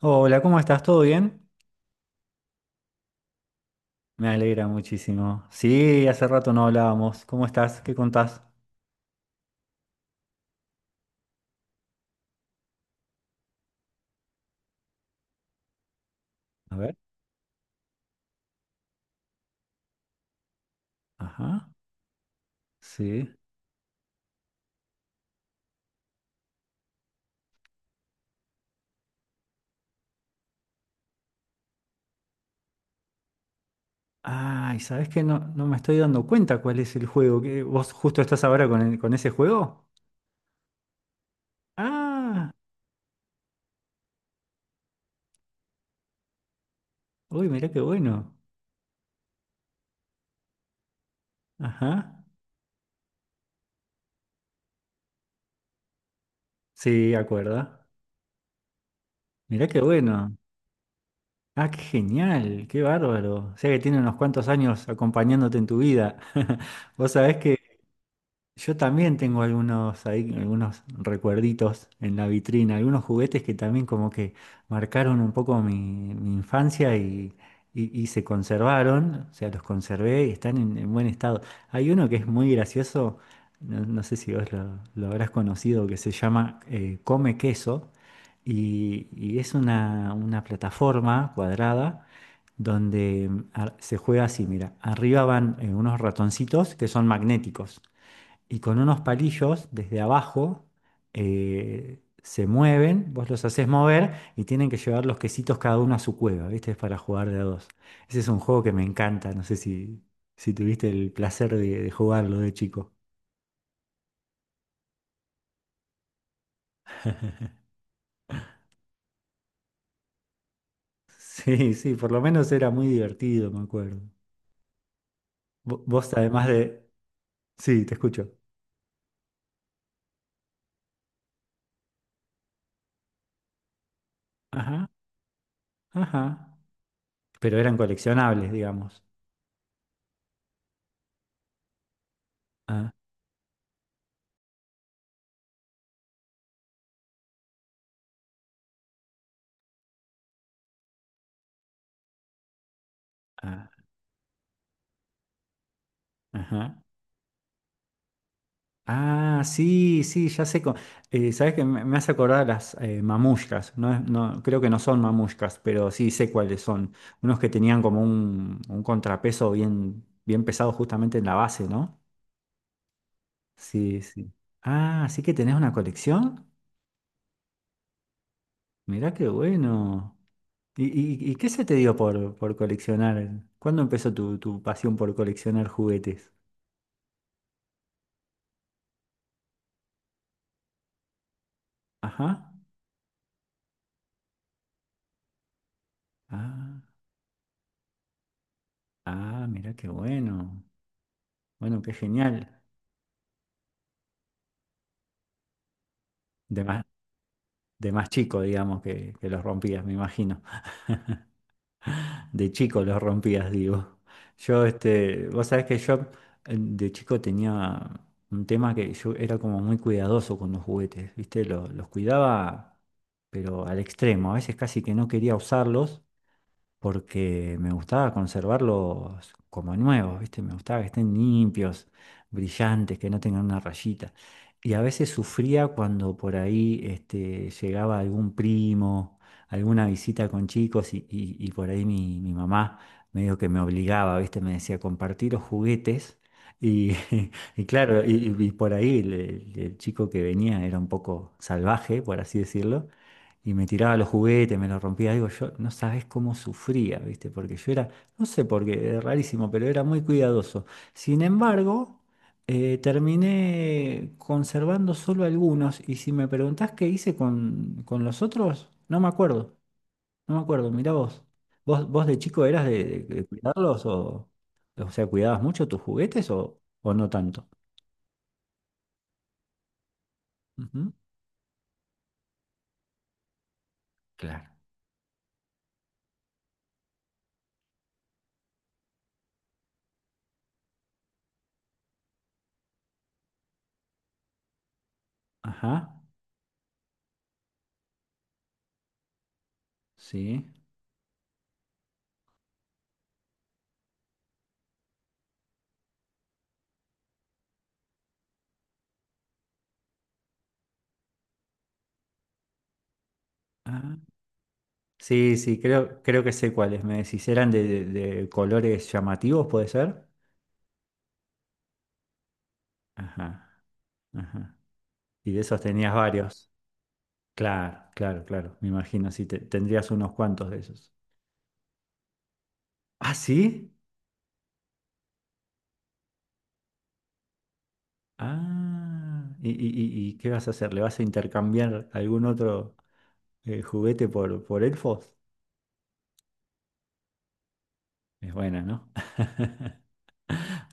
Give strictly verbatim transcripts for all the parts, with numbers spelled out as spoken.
Hola, ¿cómo estás? ¿Todo bien? Me alegra muchísimo. Sí, hace rato no hablábamos. ¿Cómo estás? ¿Qué contás? A ver. Ajá. Sí. Ay, ¿sabés qué? No, no me estoy dando cuenta cuál es el juego. ¿Qué- ¿Vos justo estás ahora con, el- con ese juego? Ah, uy, mirá qué bueno. Ajá. Sí, acuerda. Mirá qué bueno. Ah, qué genial, qué bárbaro. O sea que tiene unos cuantos años acompañándote en tu vida. Vos sabés que, yo también tengo algunos ahí, algunos recuerditos en la vitrina, algunos juguetes que también como que marcaron un poco mi, mi infancia y, y- y se conservaron, o sea, los conservé y están en, en buen estado. Hay uno que es muy gracioso, no, no sé si vos lo, lo habrás conocido, que se llama eh, Come Queso y, y es una, una plataforma cuadrada donde mm, ar- se juega así, mira, arriba van eh, unos ratoncitos que son magnéticos y con unos palillos desde abajo eh, se mueven, vos los haces mover y tienen que llevar los quesitos cada uno a su cueva, ¿viste? Es para jugar de a dos. Ese es un juego que me encanta, no sé si, si tuviste el placer de, de jugarlo de chico. Sí, sí, por lo menos era muy divertido, me acuerdo. Vo- Vos además de. Sí, te escucho. Ajá, ajá. Pero eran coleccionables, digamos. Ah, ah, ajá. Ah, sí, sí, ya sé. co- eh, sabes que me, me hace acordar las eh, mamushkas. No, es- no, creo que no son mamushkas, pero sí sé cuáles son. Unos que tenían como un, un contrapeso bien, bien pesado justamente en la base, ¿no? Sí, sí. Ah, sí que tenés una colección. Mirá qué bueno. ¿Y, y- y qué se te dio por, por coleccionar? ¿Cuándo empezó tu, tu pasión por coleccionar juguetes? Ajá. Ah, ah, mirá qué bueno. Bueno, qué genial. Dema- de más chico, digamos, que, que los rompías, me imagino. De chico los rompías, digo. Yo, este, vos sabés que yo eh, de chico tenía un tema que yo era como muy cuidadoso con los juguetes, ¿viste? Lo- los cuidaba, pero al extremo. A veces casi que no quería usarlos porque me gustaba conservarlos como nuevos, ¿viste? Me gustaba que estén limpios, brillantes, que no tengan una rayita. Y a veces sufría cuando por ahí este, llegaba algún primo, alguna visita con chicos y, y- y por ahí mi, mi mamá medio que me obligaba, ¿viste? Me decía, compartir los juguetes. Y, y claro, y, y por ahí el, el- el chico que venía era un poco salvaje, por así decirlo, y me tiraba los juguetes, me los rompía, digo, yo no sabes cómo sufría, ¿viste? Porque yo era, no sé por qué, es rarísimo, pero era muy cuidadoso. Sin embargo, eh, terminé conservando solo algunos, y si me preguntás qué hice con, con los otros, no me acuerdo, no me acuerdo, mirá vos. ¿Vos, vos de chico eras de, de- de cuidarlos o, o sea, cuidabas mucho tus juguetes o, o no tanto? Ujú. Claro. Ajá, sí. Ah. Sí, sí, creo, creo que sé cuáles. Me decís, eran de, de- de colores llamativos, ¿puede ser? Ajá, ajá. Y de esos tenías varios. Claro, claro, claro. Me imagino, sí, te- tendrías unos cuantos de esos. ¿Ah, sí? Ah, ¿y, y- y- y qué vas a hacer? ¿Le vas a intercambiar algún otro eh, juguete por, por elfos? Es buena, ¿no?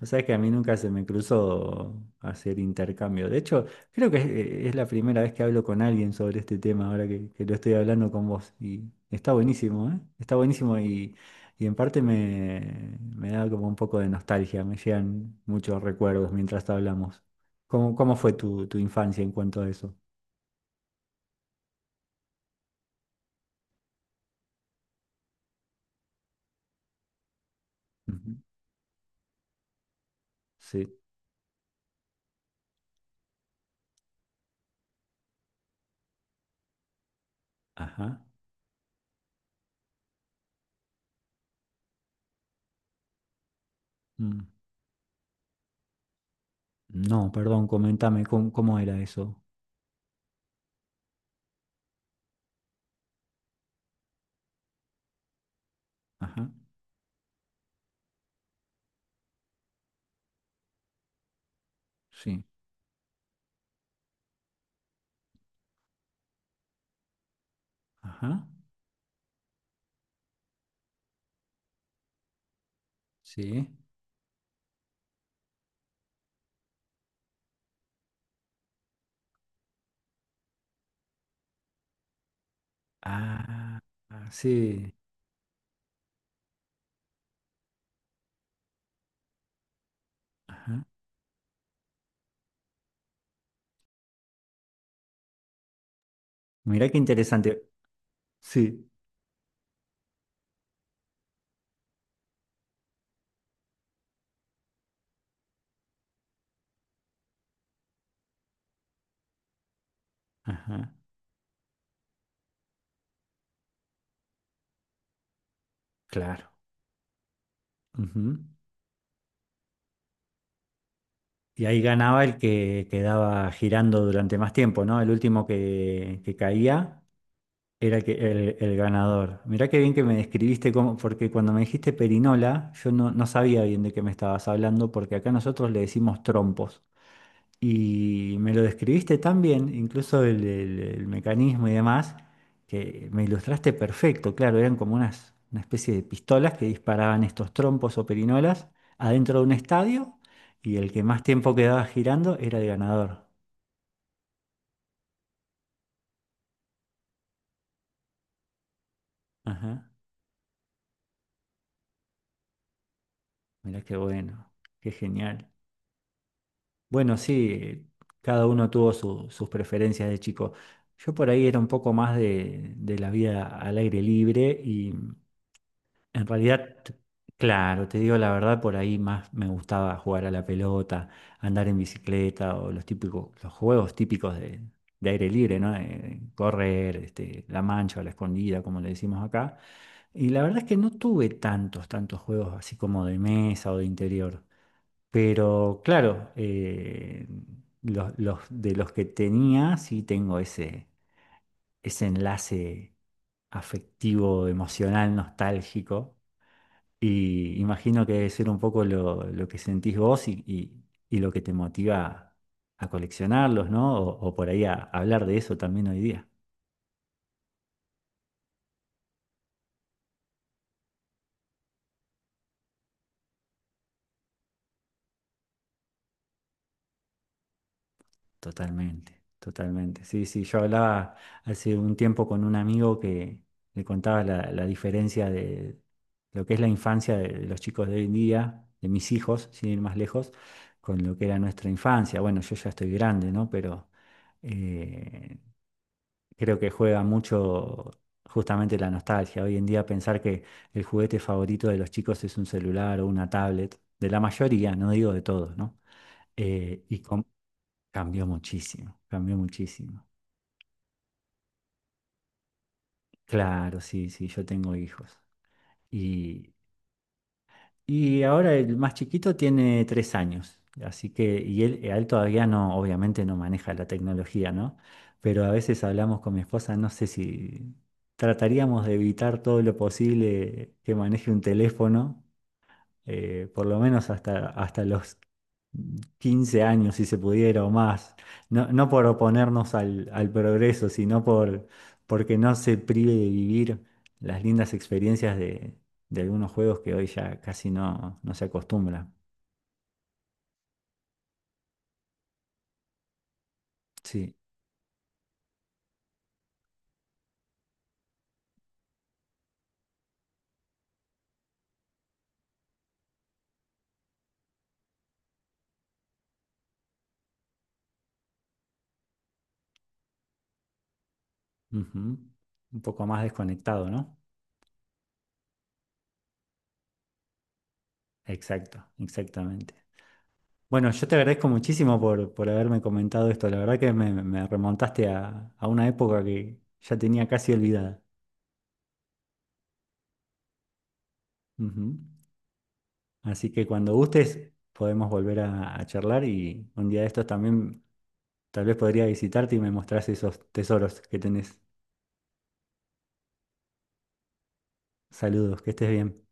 O sea que a mí nunca se me cruzó hacer intercambio. De hecho, creo que es, eh, es la primera vez que hablo con alguien sobre este tema, ahora que, que lo estoy hablando con vos. Y está buenísimo, ¿eh? Está buenísimo y, y en parte me, me da como un poco de nostalgia, me llegan muchos recuerdos mientras hablamos. ¿Cómo, cómo fue tu, tu infancia en cuanto a eso? Ujú. Sí, ajá. Mm. No, perdón, comentame cómo, cómo era eso. Ajá, sí, ajá, sí. Ah, ah, sí. Ajá. Mira qué interesante. Sí. Ajá. Claro. Ujú. Y ahí ganaba el que quedaba girando durante más tiempo, ¿no? El último que, que caía era el, que- el- el ganador. Mirá qué bien que me describiste, cómo- porque cuando me dijiste perinola, yo no, no sabía bien de qué me estabas hablando, porque acá nosotros le decimos trompos. Y me lo describiste tan bien, incluso el, el- el mecanismo y demás, que me ilustraste perfecto. Claro, eran como unas, una especie de pistolas que disparaban estos trompos o perinolas adentro de un estadio y el que más tiempo quedaba girando era el ganador. Ajá, mirá qué bueno, qué genial. Bueno, sí, cada uno tuvo su- sus preferencias de chico. Yo por ahí era un poco más de, de la vida al aire libre. En realidad, t- claro, te digo la verdad, por ahí más me gustaba jugar a la pelota, andar en bicicleta o los típicos, los juegos típicos de, de aire libre, ¿no? Eh, correr, este, la mancha o la escondida, como le decimos acá. Y la verdad es que no tuve tantos, tantos juegos así como de mesa o de interior. Pero claro, eh, los, los- de los que tenía, sí tengo ese, ese enlace afectivo, emocional, nostálgico y imagino que debe ser un poco lo, lo que sentís vos y, y- y lo que te motiva a coleccionarlos, ¿no? O, o por ahí a hablar de eso también hoy día. Totalmente, totalmente. Sí, sí, yo hablaba hace un tiempo con un amigo que le contaba la, la diferencia de lo que es la infancia de los chicos de hoy en día, de mis hijos, sin ir más lejos, con lo que era nuestra infancia. Bueno, yo ya estoy grande, ¿no? Pero eh, creo que juega mucho justamente la nostalgia. Hoy en día pensar que el juguete favorito de los chicos es un celular o una tablet, de la mayoría, no digo de todos, ¿no? Eh, y com- cambió muchísimo, cambió muchísimo. Claro, sí, sí, yo tengo hijos. Y, y ahora el más chiquito tiene tres años, así que, y él, eh, a él todavía no, obviamente no maneja la tecnología, ¿no? Pero a veces hablamos con mi esposa, no sé si trataríamos de evitar todo lo posible que maneje un teléfono eh, por lo menos hasta, hasta los quince años, si se pudiera o más, no, no por oponernos al, al progreso, sino por, porque no se prive de vivir las lindas experiencias de, de algunos juegos que hoy ya casi no, no se acostumbra. Sí, ujú. Un poco más desconectado, ¿no? Exacto, exactamente. Bueno, yo te agradezco muchísimo por, por haberme comentado esto. La verdad que me, me remontaste a, a una época que ya tenía casi olvidada. Ujú. Así que cuando gustes podemos volver a, a charlar y un día de estos también tal vez podría visitarte y me mostrás esos tesoros que tenés. Saludos, que estés bien.